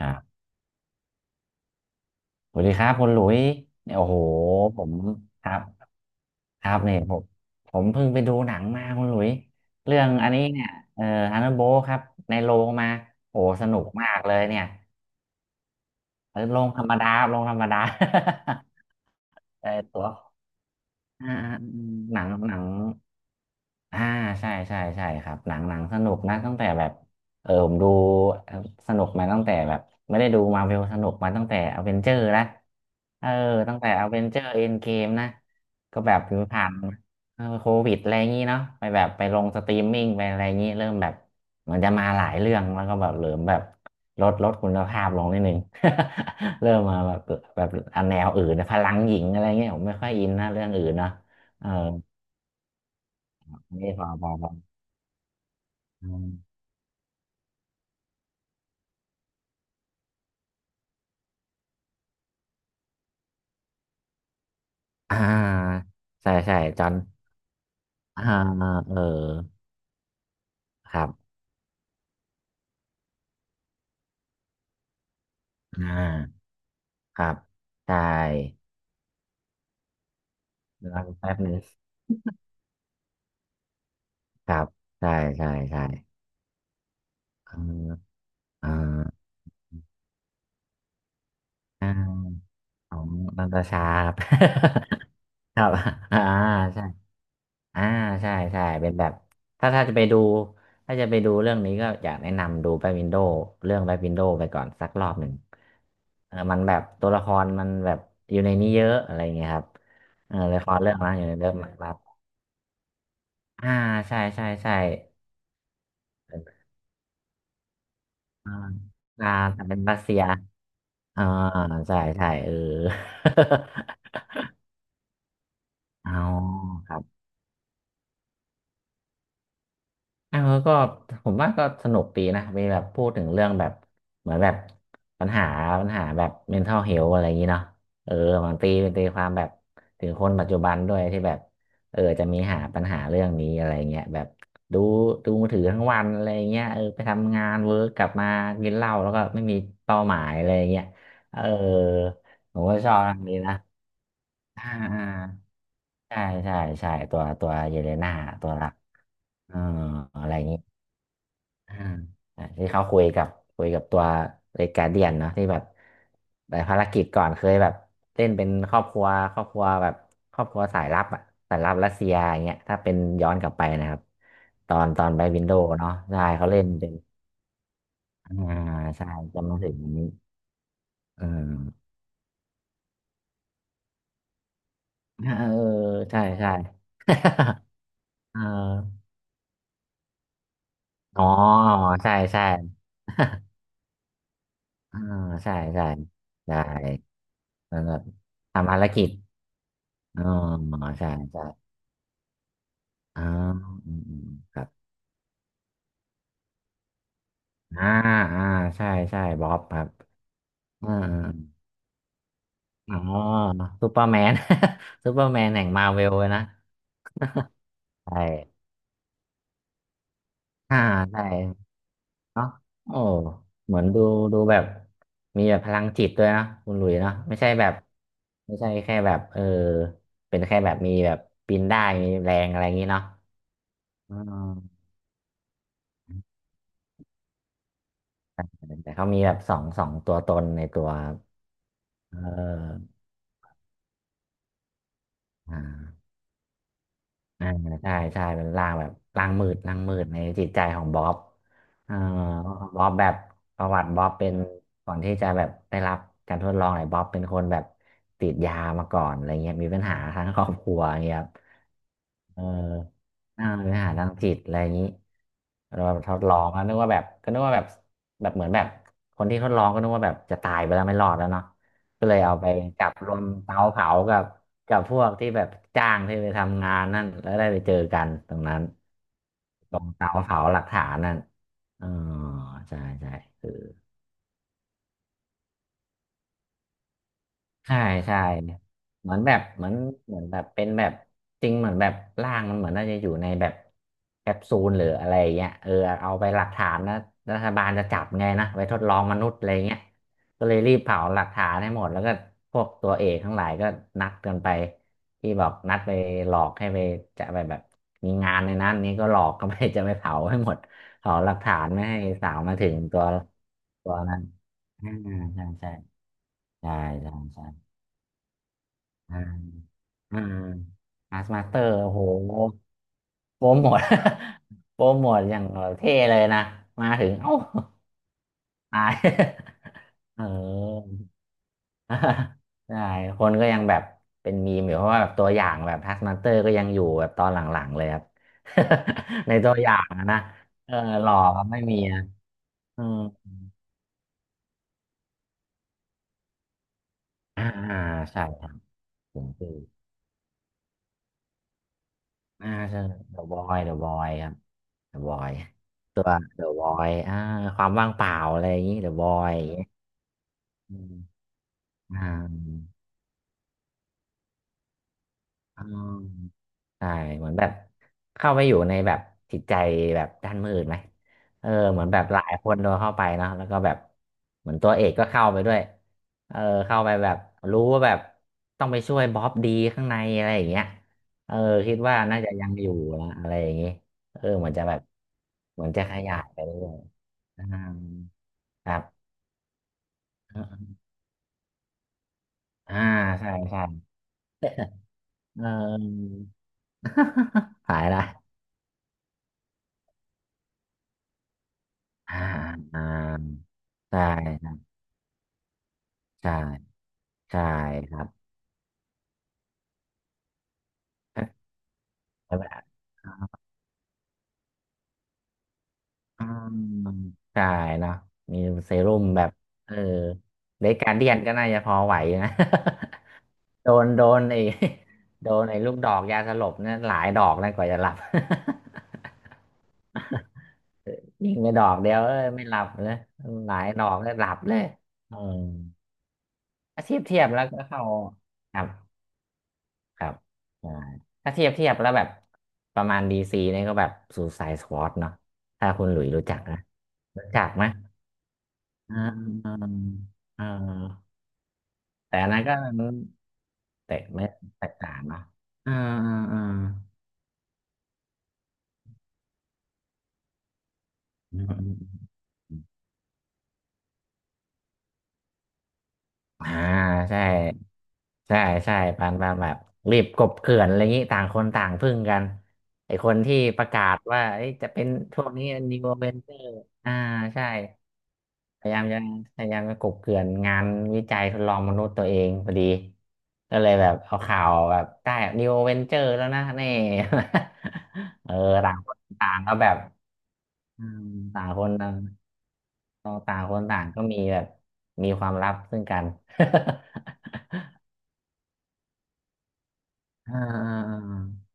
อ่าสวัสดีครับคุณหลุยเนี่ยโอ้โหผมครับครับเนี่ยผมเพิ่งไปดูหนังมาคุณหลุยเรื่องอันนี้เนี่ยเอ่อฮันนโบครับในโรงมาโอ้สนุกมากเลยเนี่ยเออโรงธรรมดาโรงธรรมดา เออตัวหนัง อ่าใช่ใช่ใช่ครับหนังสนุกนะตั้งแต่แบบเออผมดูสนุกมาตั้งแต่แบบไม่ได้ดูมาเวลสนุกมาตั้งแต่อเวนเจอร์นะเออตั้งแต่อเวนเจอร์เอ็นเกมนะก็แบบอยู่ผ่านเออโควิดอะไรอย่างงี้เนาะไปแบบไปลงสตรีมมิ่งไปอะไรอย่างงี้เริ่มแบบเหมือนจะมาหลายเรื่องแล้วก็แบบเหลิมแบบลดคุณภาพลงนิดนึง เริ่มมาแบบอันแนวอื่นนะพลังหญิงอะไรเงี้ยผมไม่ค่อยอินนะเรื่องอื่นเนาะเออนี่พออืม อ่าใช่ใช่จอนอ่าเออครับอ่าครับใช่รองแป๊บนึงครับใช่ใช่อืมอ่าอ่าของนันตชาครับ ครับอ่าใช่ อ่าใช่ใช่เป็นแบบถ้าจะไปดูถ้าจะไปดูเรื่องนี้ก็อยากแนะนำดูแบ็ควินโดว์เรื่องแบ็ควินโดว์ไปก่อนสักรอบหนึ่งเออมันแบบตัวละครมันแบบอยู่ในนี้เยอะอะไรอย่างเงี้ยครับเออละครเรื่องนะอยู่ในเรื่องมันรับอ่าใช่อ่าอ่าแต่เป็นรัสเซียอ่าใช่ใช่เออ เอาครับ แล้วก็ผมว่าก็สนุกดีนะมีแบบพูดถึงเรื่องแบบเหมือนแบบปัญหาปัญหาแบบ mental health อะไรอย่างนี้เนาะเออบางตีเป็นตีความแบบถึงคนปัจจุบันด้วยที่แบบเออจะมีหาปัญหาเรื่องนี้อะไรเงี้ยแบบดูดูมือถือทั้งวันอะไรเงี้ยเออไปทำงานเวิร์กกลับมากินเหล้าแล้วก็ไม่มีเป้าหมายอะไรเงี้ยเออผมก็ชอบทางนี้นะอ่าอ่าใช่ใช่ใช่ตัวเยเลนาตัวหลักเอออะไรอย่างนี้ อ่าอ่ะที่เขาคุยกับคุยกับตัวเลกาเดียนเนาะที่แบบไปภารกิจก่อนเคยแบบเล่นเป็นครอบครัวครอบครัวแบบครอบครัวสายลับอ่ะสายลับรัสเซียอย่างเงี้ยถ้าเป็นย้อนกลับไปนะครับตอนไปวินโดว์เนาะใช่เขาเล่นเป็นอ่าใช่จำมาถึงอันนี้เออเออใช่ เอออ๋อใช่ อ่าใช่ใช่ได้แล้วก็ทำภารกิจ อ๋อใช่อ๋ออืมครับอ่าอ่าใช่บ๊อบครับอ่าอ๋อซูเปอร์แมน ซูเปอร์แมนแห่งมาเวลเลยนะใช่อ่าใช่เนาะโอ้เหมือนดูแบบมีแบบพลังจิตด้วยนะคุณหลุยเนาะไม่ใช่แบบไม่ใช่แค่แบบเออเป็นแค่แบบมีแบบปีนได้มีแรงอะไรอย่างนี้เนาะอ๋อแต่เขามีแบบสองตัวตนในตัวเอออ่า อ่าใช่ใช่เป็นร่างแบบร่างมืดในจิตใจของบ๊อบเอ่อบ๊อบแบบประวัติบ๊อบเป็นก่อนที่จะแบบได้รับการทดลองเนี่ยบ๊อบเป็นคนแบบติดยามาก่อนอะไรเงี้ยมีปัญหาทางครอบครัวเงี้ยครับเออ เนื้อหาทางจิตอะไรอย่างนี้เราแบบทดลองแล้วนึกว่าแบบก็นึกว่าแบบเหมือนแบบคนที่ทดลองก็นึกว่าแบบจะตายไปแล้วไม่รอดแล้วเนาะก็เลยเอาไปจับรวมเตาเผากับพวกที่แบบจ้างที่ไปทำงานนั่นแล้วได้ไปเจอกันตรงนั้นตรงเตาเผาหลักฐานนั่นอ๋อใช่ ใช่ใช่เหมือนแบบเหมือนแบบเป็นแบบจริงเหมือนแบบร่างมันเหมือนน่าจะอยู่ในแบบแคปซูลหรืออะไรเงี้ยเออเอาไปหลักฐานนะรัฐบาลจะจับไงนะไปทดลองมนุษย์อะไรเงี้ยก็เลยรีบเผาหลักฐานให้หมดแล้วก็พวกตัวเอกทั้งหลายก็นัดกันไปที่บอกนัดไปหลอกให้ไปจะไปแบบมีงานในนั้นนี้ก็หลอกก็ไปจะไปเผาให้หมดเผาหลักฐานไม่ให้สาวมาถึงตัวตัวนั้นอ่าใช่ใช่ใช่ใช่ใช่ อ่าอาสมาสเตอร์โอ้โหโปรโมท โปรโม ทอย่างเท่เลยนะมาถึงเอ้าตาย เออ ใช่คนก็ยังแบบเป็นมีมอยู่เพราะว่าแบบตัวอย่างแบบทัสมาสเตอร์ก็ยังอยู่แบบตอนหลังๆเลยครับ ในตัวอย่างอะนะเออหล่อก็ไม่มีนะอืมอ่าอ่าใช่ครับผม ใช่ The Void The Void ครับ The Void ตัว The Void ความว่างเปล่าอะไรอย่างนี้ The Void อย่างงี้อืมอ่าอ่า ใช่เหมือนแบบเข้าไปอยู่ในแบบจิตใจแบบด้านมืดไหมเออเหมือนแบบหลายคนโดนเข้าไปเนาะแล้วก็แบบเหมือนตัวเอกก็เข้าไปด้วยเออเข้าไปแบบรู้ว่าแบบต้องไปช่วยบ๊อบดีข้างในอะไรอย่างเงี้ยเออคิดว่าน่าจะยังอยู่นะอะไรอย่างงี้เออเหมือนจะแบบเหมือนจะขยายไปเรื่อยๆอ่าครับอ่าใช่ใช่เออ หายละอ่าอ่าใช่ใช่ ใช่ครับแล้วแบบอืมใช่เนาะมีเซรุ่มแบบเออเด็กการเดียนก็น่าจะพอไหวนะ โดนโดนไอ้ โดนไอ้ลูกดอกยาสลบเนี่ยหลายดอกนะกว่าจะหลับ ยิงไปดอกเดียวเอ้ยไม่หลับเลยหลายดอกเลยหลับเลยเอออาชีพเทียบแล้วก็เข้าครับ ครับอ่าถ้าเทียบแล้วแบบประมาณดีซีเนี่ยก็แบบซูไซด์สควอดเนาะถ้าคุณหลุยรู้จักนะ รู้จักไหมอ่าอ่าแต่อันนั้นก็เตะไม่แตกต่างนะอ่าอ่าอ่าอืมอืมอืมอ่า ใช่ ใช่ใช่ปานมาแบบรีบกบเกลื่อนอะไรงี้ต่างคนต่างพึ่งกัน ไอคนที่ประกาศว่าเอ้ยจะเป็นช่วงนี้นิวเวนเจอร์อ่า ใช่ พยายามจะพยายามจะกลบเกลื่อนงานวิจัยทดลองมนุษย์ตัวเองพอดีก็เลยแบบเอาข่าวแบบได้นิวเวนเจอร์แล้วนะนี่ เออต่างคนต่างก็แบบอืมต่างคนต่างต่างคนต่างก็มีแบบมีความลับซึ่งกัน อ่าอ่าอ่า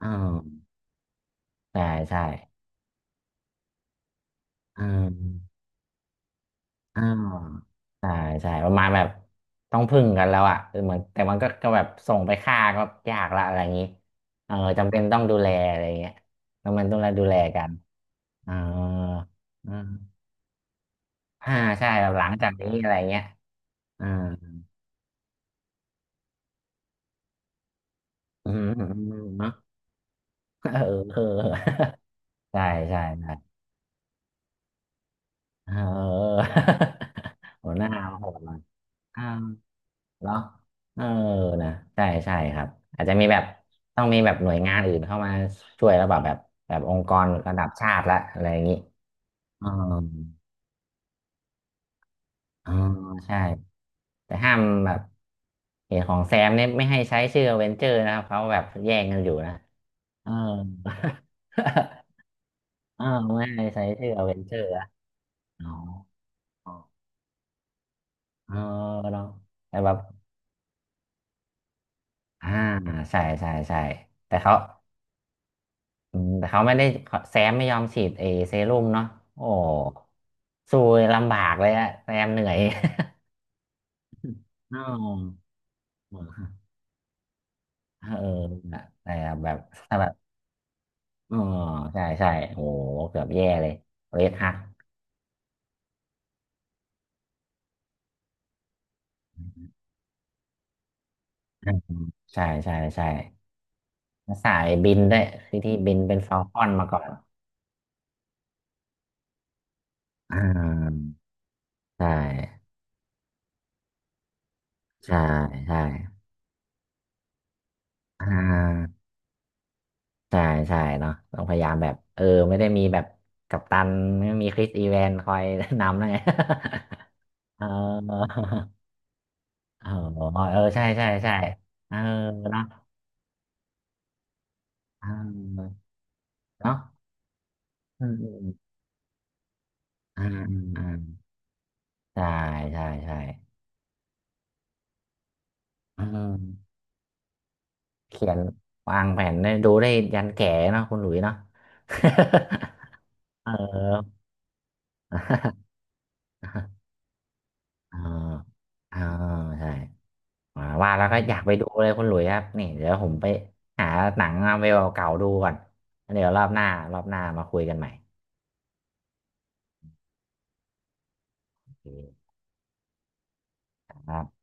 อ่าใช่ใช่อืม อ่าใช่ใช่ประมาณแบบต้องพึ่งกันแล้วอ่ะเออเหมือนแต่มันก็แบบส่งไปฆ่าก็ยากละอะไรอย่างนี้เออจำเป็นต้องดูแลอะไรอย่างเงี้ยแล้วมันต้องดูแลกันเอออืมอ่าใช่แบบหลังจากนี้อะไรเงี้ยอ่าอืมอืมอืมเนาะเออเออใช่ใช่ใช่เออ โหัวหน้าโหดเลย เนาะเออนะใช่ใช่ครับอาจจะมีแบบต้องมีแบบหน่วยงานอื่นเข้ามาช่วยแล้วแบบแบบองค์กรระดับชาติละอะไรอย่างนี้อ๋ออ๋อใช่แต่ห้ามแบบเหตุของแซมเนี่ยไม่ให้ใช้ชื่อเวนเจอร์นะครับเขาแบบแย่งกันอยู่นะเออ เออไม่ให้ใช้ชื่อเวนเจอร์อะอ๋ออ๋อเออเนาะแต่แบบอ่าใช่ใช่ใช่แต่เขา อืมแต่เขาไม่ได้แซมไม่ยอมฉีดเอเซรุ่มเนาะโอ้สู้ลำบากเลยอะแซมเหนื่อย อ๋อออเออแต่แบบถ้าแบบอ๋อใช่ใช่โอ้เกือบแย่เลยเรดฮักอืมใช่ใช่ใช่แล้วสายบินด้วยคือที่บินเป็นฟอลคอนมาก่อนอ่าใช่ใช่ใช่อ่า ใช่ใช่เนาะต้องพยายามแบบเออไม่ได้มีแบบกัปตันไม่มีคริสอีแวนคอยนำนะไง เออ เออเออใช่ใช่ใช่เออเนาะเออเนาะอืมอืมอืมอืมใช่ใช่ใช่อืมเขียนวางแผนได้ดูได้ยันแก่เนาะคุณหลุยเนาะ เออ อ่า อ่าใช่ อ่าว่าแล้วก็อยากไปดูเลยคุณหลุยครับนี่เดี๋ยวผมไปหาหนังมาเวลเก่าๆดูก่อนแล้วเดี๋ยวรอบหน้ามาคุยกันใหม่โอเคครับ